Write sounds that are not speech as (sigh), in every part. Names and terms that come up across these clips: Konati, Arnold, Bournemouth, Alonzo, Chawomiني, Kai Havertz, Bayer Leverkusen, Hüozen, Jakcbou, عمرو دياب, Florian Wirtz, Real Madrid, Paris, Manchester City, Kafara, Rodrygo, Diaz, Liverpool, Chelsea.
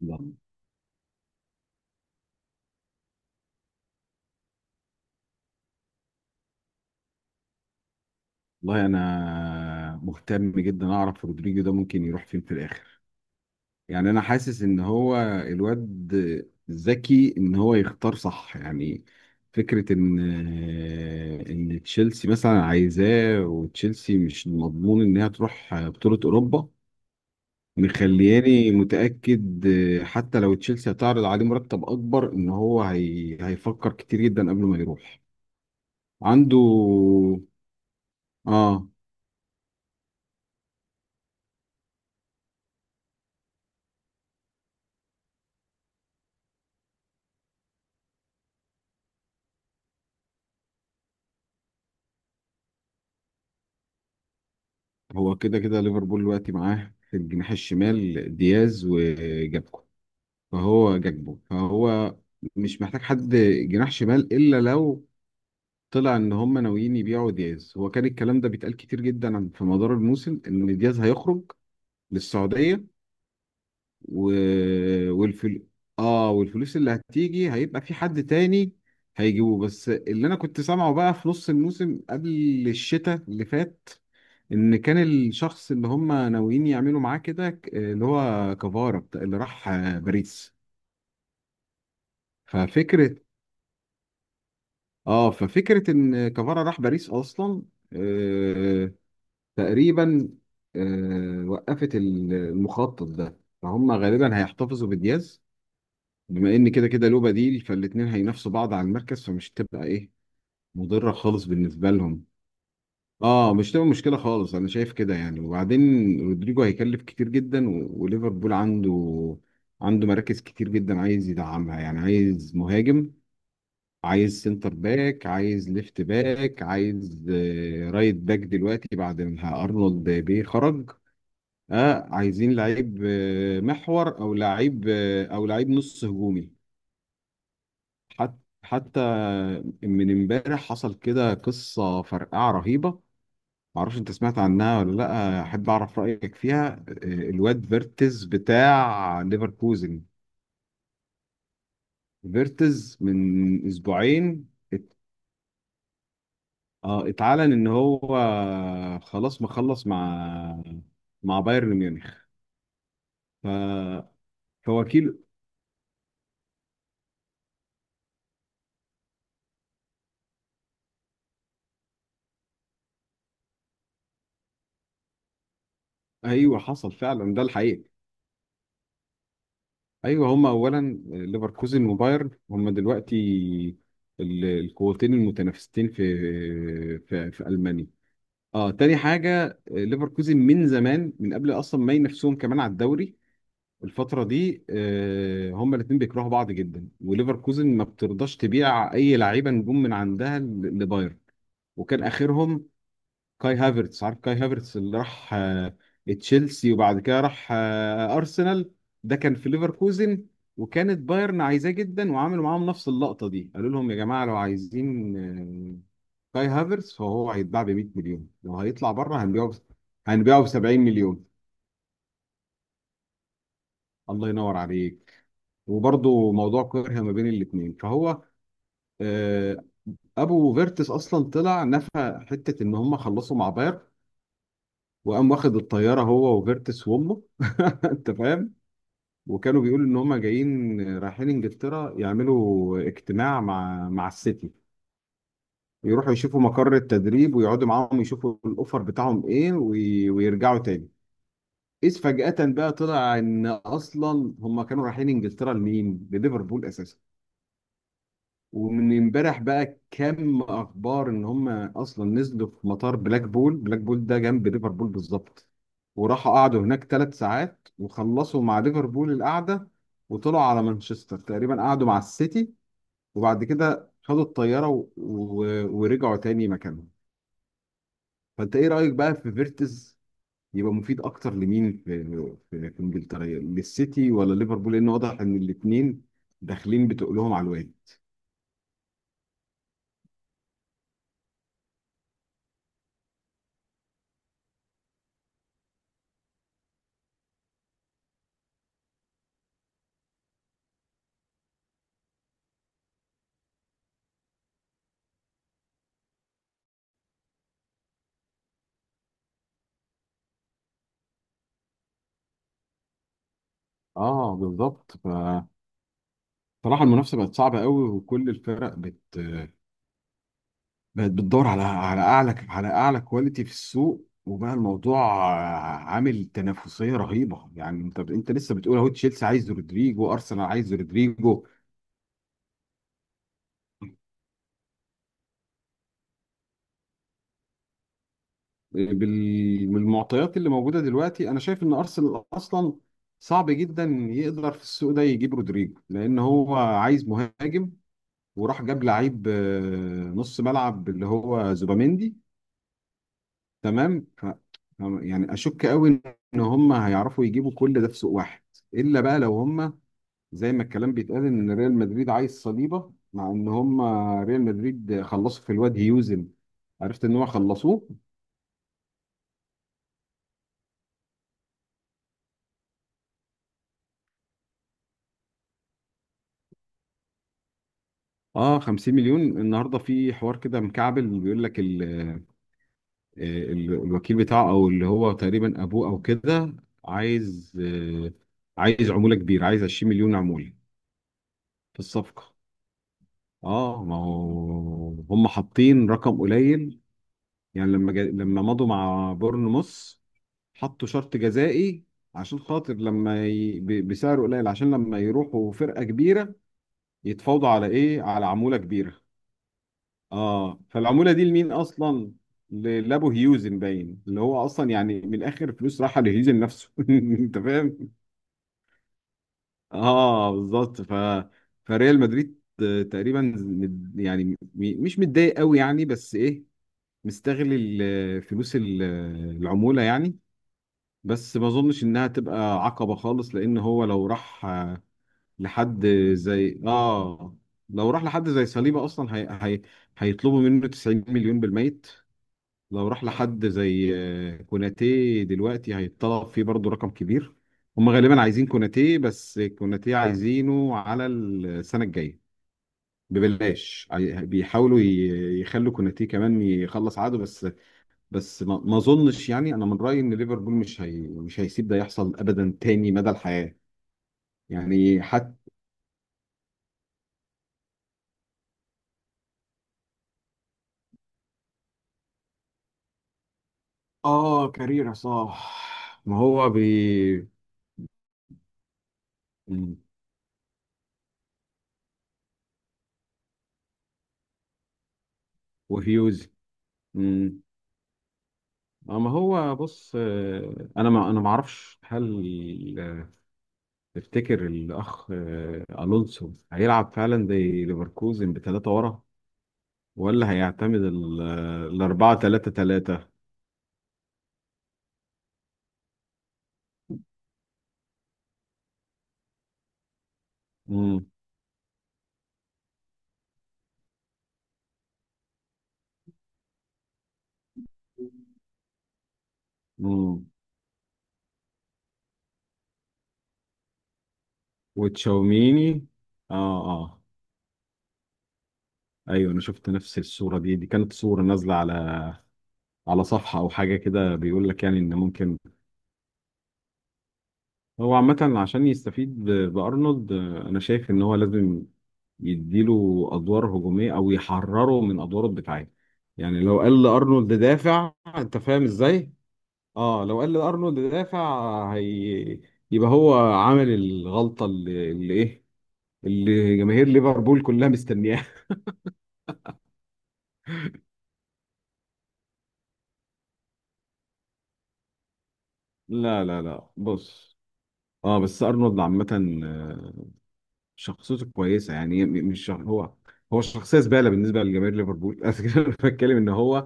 والله، انا مهتم جدا اعرف رودريجو ده ممكن يروح فين في الاخر. يعني انا حاسس ان هو الواد ذكي، ان هو يختار صح يعني. فكرة ان تشيلسي مثلا عايزاه، وتشيلسي مش مضمون انها تروح بطولة اوروبا مخلياني متأكد. حتى لو تشيلسي هتعرض عليه مرتب اكبر، ان هو هيفكر كتير جدا قبل ما يروح عنده. اه، هو كده كده ليفربول دلوقتي معاه في الجناح الشمال دياز وجاكبو. فهو جاكبو، فهو مش محتاج حد جناح شمال الا لو طلع ان هم ناويين يبيعوا دياز. هو كان الكلام ده بيتقال كتير جدا في مدار الموسم ان دياز هيخرج للسعودية و... والفل... اه والفلوس اللي هتيجي هيبقى في حد تاني هيجيبه. بس اللي انا كنت سامعه بقى في نص الموسم قبل الشتاء اللي فات، ان كان الشخص اللي هم ناويين يعملوا معاه كده اللي هو كفارا، اللي راح باريس. ففكره اه ففكره ان كفارا راح باريس اصلا، آه تقريبا. وقفت المخطط ده، فهم غالبا هيحتفظوا بدياز، بما ان كده كده له بديل، فالاتنين هينافسوا بعض على المركز، فمش تبقى ايه، مضره خالص بالنسبه لهم. اه، مش تبقى مشكله خالص، انا شايف كده يعني. وبعدين رودريجو هيكلف كتير جدا، وليفربول عنده مراكز كتير جدا عايز يدعمها. يعني عايز مهاجم، عايز سنتر باك، عايز ليفت باك، عايز رايت باك دلوقتي بعد ما ارنولد بيه خرج. اه، عايزين لعيب محور، او لعيب او لعيب نص هجومي. حتى من امبارح حصل كده قصه فرقعه رهيبه، معرفش انت سمعت عنها ولا لا، احب اعرف رايك فيها. الواد فيرتز بتاع ليفركوزن، فيرتز من اسبوعين اتعلن ان هو خلاص مخلص مع بايرن ميونخ. ف فوكيل. ايوه، حصل فعلا ده الحقيقه. ايوه، هما اولا ليفركوزن وبايرن هما دلوقتي القوتين المتنافستين في المانيا. اه، تاني حاجة، ليفركوزن من زمان، من قبل اصلا ما ينافسوهم كمان على الدوري الفترة دي. هما الاتنين بيكرهوا بعض جدا، وليفركوزن ما بترضاش تبيع اي لعيبة نجوم من عندها لبايرن. وكان اخرهم كاي هافرتس. عارف كاي هافرتس اللي راح تشيلسي وبعد كده راح ارسنال؟ ده كان في ليفركوزن، وكانت بايرن عايزاه جدا، وعملوا معاهم نفس اللقطه دي، قالوا لهم: يا جماعه، لو عايزين كاي هافرتس فهو هيتباع ب 100 مليون، لو هيطلع بره هنبيعه ب 70 مليون. الله ينور عليك. وبرضه موضوع كره ما بين الاثنين، فهو آه، ابو فيرتس اصلا طلع نفى حته ان هم خلصوا مع بايرن، وقام واخد الطياره هو وفيرتس وامه (laughs) انت فاهم. وكانوا بيقولوا ان هم جايين رايحين انجلترا يعملوا اجتماع مع السيتي، يروحوا يشوفوا مقر التدريب ويقعدوا معاهم يشوفوا الاوفر بتاعهم ايه، ويرجعوا تاني. اذ فجأة بقى طلع ان اصلا هم كانوا رايحين انجلترا لمين؟ لليفربول اساسا. ومن امبارح بقى كم اخبار ان هم اصلا نزلوا في مطار بلاك بول، بلاك بول ده جنب ليفربول بالظبط، وراحوا قعدوا هناك 3 ساعات وخلصوا مع ليفربول القعده، وطلعوا على مانشستر تقريبا قعدوا مع السيتي، وبعد كده خدوا الطياره ورجعوا تاني مكانهم. فانت ايه رايك بقى في فيرتز؟ يبقى مفيد اكتر لمين، في انجلترا، للسيتي ولا ليفربول؟ لان واضح ان الاثنين داخلين، بتقولهم على الواد. اه، بالظبط. صراحة المنافسة بقت صعبة قوي، وكل الفرق بقت بتدور على أعلى كواليتي في السوق، وبقى الموضوع عامل تنافسية رهيبة. يعني أنت لسه بتقول أهو، تشيلسي عايز رودريجو، أرسنال عايز رودريجو. بالمعطيات اللي موجودة دلوقتي أنا شايف إن أرسنال أصلا صعب جدا يقدر في السوق ده يجيب رودريجو، لأن هو عايز مهاجم وراح جاب لعيب نص ملعب اللي هو زوباميندي، تمام. يعني اشك قوي ان هم هيعرفوا يجيبوا كل ده في سوق واحد، الا بقى لو هم زي ما الكلام بيتقال ان ريال مدريد عايز صليبه، مع ان هم ريال مدريد خلصوا في الواد هيوزن. عرفت ان هو خلصوه. اه، 50 مليون. النهارده في حوار كده مكعبل بيقول لك آه، الوكيل بتاعه، او اللي هو تقريبا ابوه او كده، عايز عموله كبيره، عايز 20 مليون عموله في الصفقه. اه، ما هو هم حاطين رقم قليل. يعني لما مضوا مع بورنموث حطوا شرط جزائي، عشان خاطر بسعر قليل، عشان لما يروحوا فرقة كبيرة يتفاوضوا على ايه؟ على عمولة كبيرة. اه، فالعمولة دي لمين اصلا؟ لابو هيوزن باين، اللي هو اصلا، يعني من الاخر، فلوس رايحة لهيوزن نفسه (laughs) انت فاهم. اه، بالظبط. فريال مدريد تقريبا يعني مش متضايق قوي يعني، بس ايه، مستغل فلوس العمولة يعني. بس ما اظنش انها تبقى عقبة خالص، لان هو لحد زي اه لو راح لحد زي صليبة اصلا هي... هيطلبوا منه 90 مليون بالميت. لو راح لحد زي كوناتي دلوقتي هيتطلب فيه برضه رقم كبير. هم غالبا عايزين كوناتي، بس كوناتي عايزينه على السنة الجاية ببلاش، بيحاولوا يخلوا كوناتي كمان يخلص عقده بس. بس ما اظنش. يعني انا من رايي ان ليفربول مش هيسيب ده يحصل ابدا تاني مدى الحياه. يعني حتى. اه، كاريرا صح. ما هو بي. مم. وهيوز. مم. ما هو بص. انا ما انا ما اعرفش، هل تفتكر الاخ الونسو هيلعب فعلا زي ليفركوزن بثلاثه ورا، ولا هيعتمد الاربعه ثلاثه ثلاثه؟ امم، وتشاوميني. اه، اه. ايوه، انا شفت نفس الصوره دي. دي كانت صوره نازله على صفحه او حاجه كده بيقول لك، يعني ان ممكن. هو عامه عشان يستفيد بارنولد، انا شايف ان هو لازم يديله ادوار هجوميه او يحرره من ادواره الدفاعيه. يعني لو قال لارنولد دافع، انت فاهم ازاي؟ اه، لو قال لارنولد دافع يبقى هو عمل الغلطه اللي ايه، اللي جماهير ليفربول كلها مستنياها (laughs) لا، لا، لا، بص. اه، بس ارنولد عامه شخصيته كويسه، يعني م- مش شخ... هو شخصيه زباله بالنسبه لجماهير ليفربول (laughs) بس كده انا بتكلم ان هو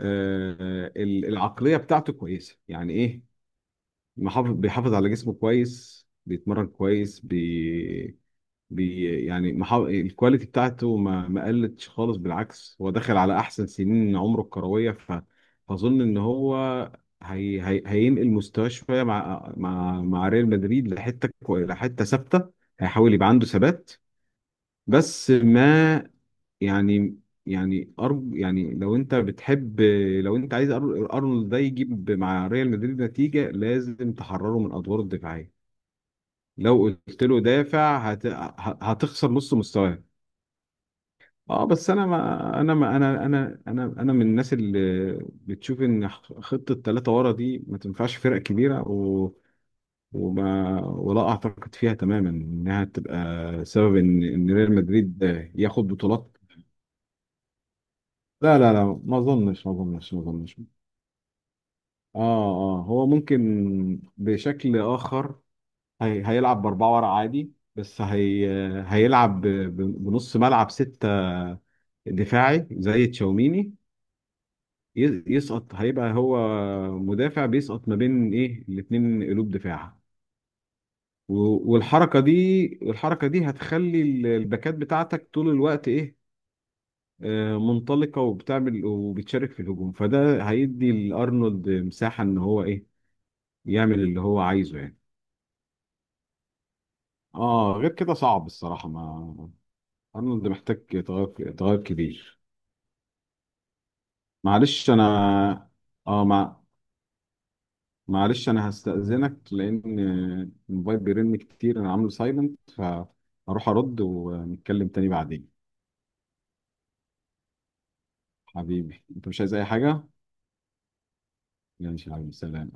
العقليه بتاعته كويسه، يعني ايه، محافظ، بيحافظ على جسمه كويس، بيتمرن كويس، بي... بي يعني محافظ. الكواليتي بتاعته ما قلتش خالص، بالعكس هو داخل على احسن سنين عمره الكرويه. فاظن ان هو هينقل مستواه شويه مع ريال مدريد، لحته ثابته، هيحاول يبقى عنده ثبات. بس ما، يعني، يعني أرب يعني لو انت بتحب، لو انت عايز أر- ارنولد ده يجيب مع ريال مدريد نتيجه، لازم تحرره من ادواره الدفاعيه. لو قلت له دافع هتخسر نص مستواه. اه، بس انا ما انا ما انا انا انا انا من الناس اللي بتشوف ان خطه ثلاثه ورا دي ما تنفعش فرق كبيره، و... وما ولا اعتقد فيها تماما انها تبقى سبب ان ريال مدريد ياخد بطولات. لا، لا، لا، ما اظنش، ما اظنش، ما اظنش. اه. اه، هو ممكن بشكل اخر، هيلعب باربعه ورا عادي، بس هيلعب بنص ملعب سته دفاعي زي تشاوميني. يسقط، هيبقى هو مدافع بيسقط ما بين ايه الاتنين قلوب دفاع. والحركه دي، الحركه دي هتخلي الباكات بتاعتك طول الوقت ايه، منطلقة وبتعمل وبتشارك في الهجوم، فده هيدي لأرنولد مساحة، إن هو إيه، يعمل اللي هو عايزه يعني. آه، غير كده صعب الصراحة. ما أرنولد محتاج تغير، تغير كبير. معلش أنا آه مع... معلش أنا هستأذنك، لأن الموبايل بيرن كتير، أنا عامله سايلنت، فهروح أرد ونتكلم تاني بعدين. حبيبي، أنت مش عايز أي حاجة؟ ماشي يا حبيبي، سلام.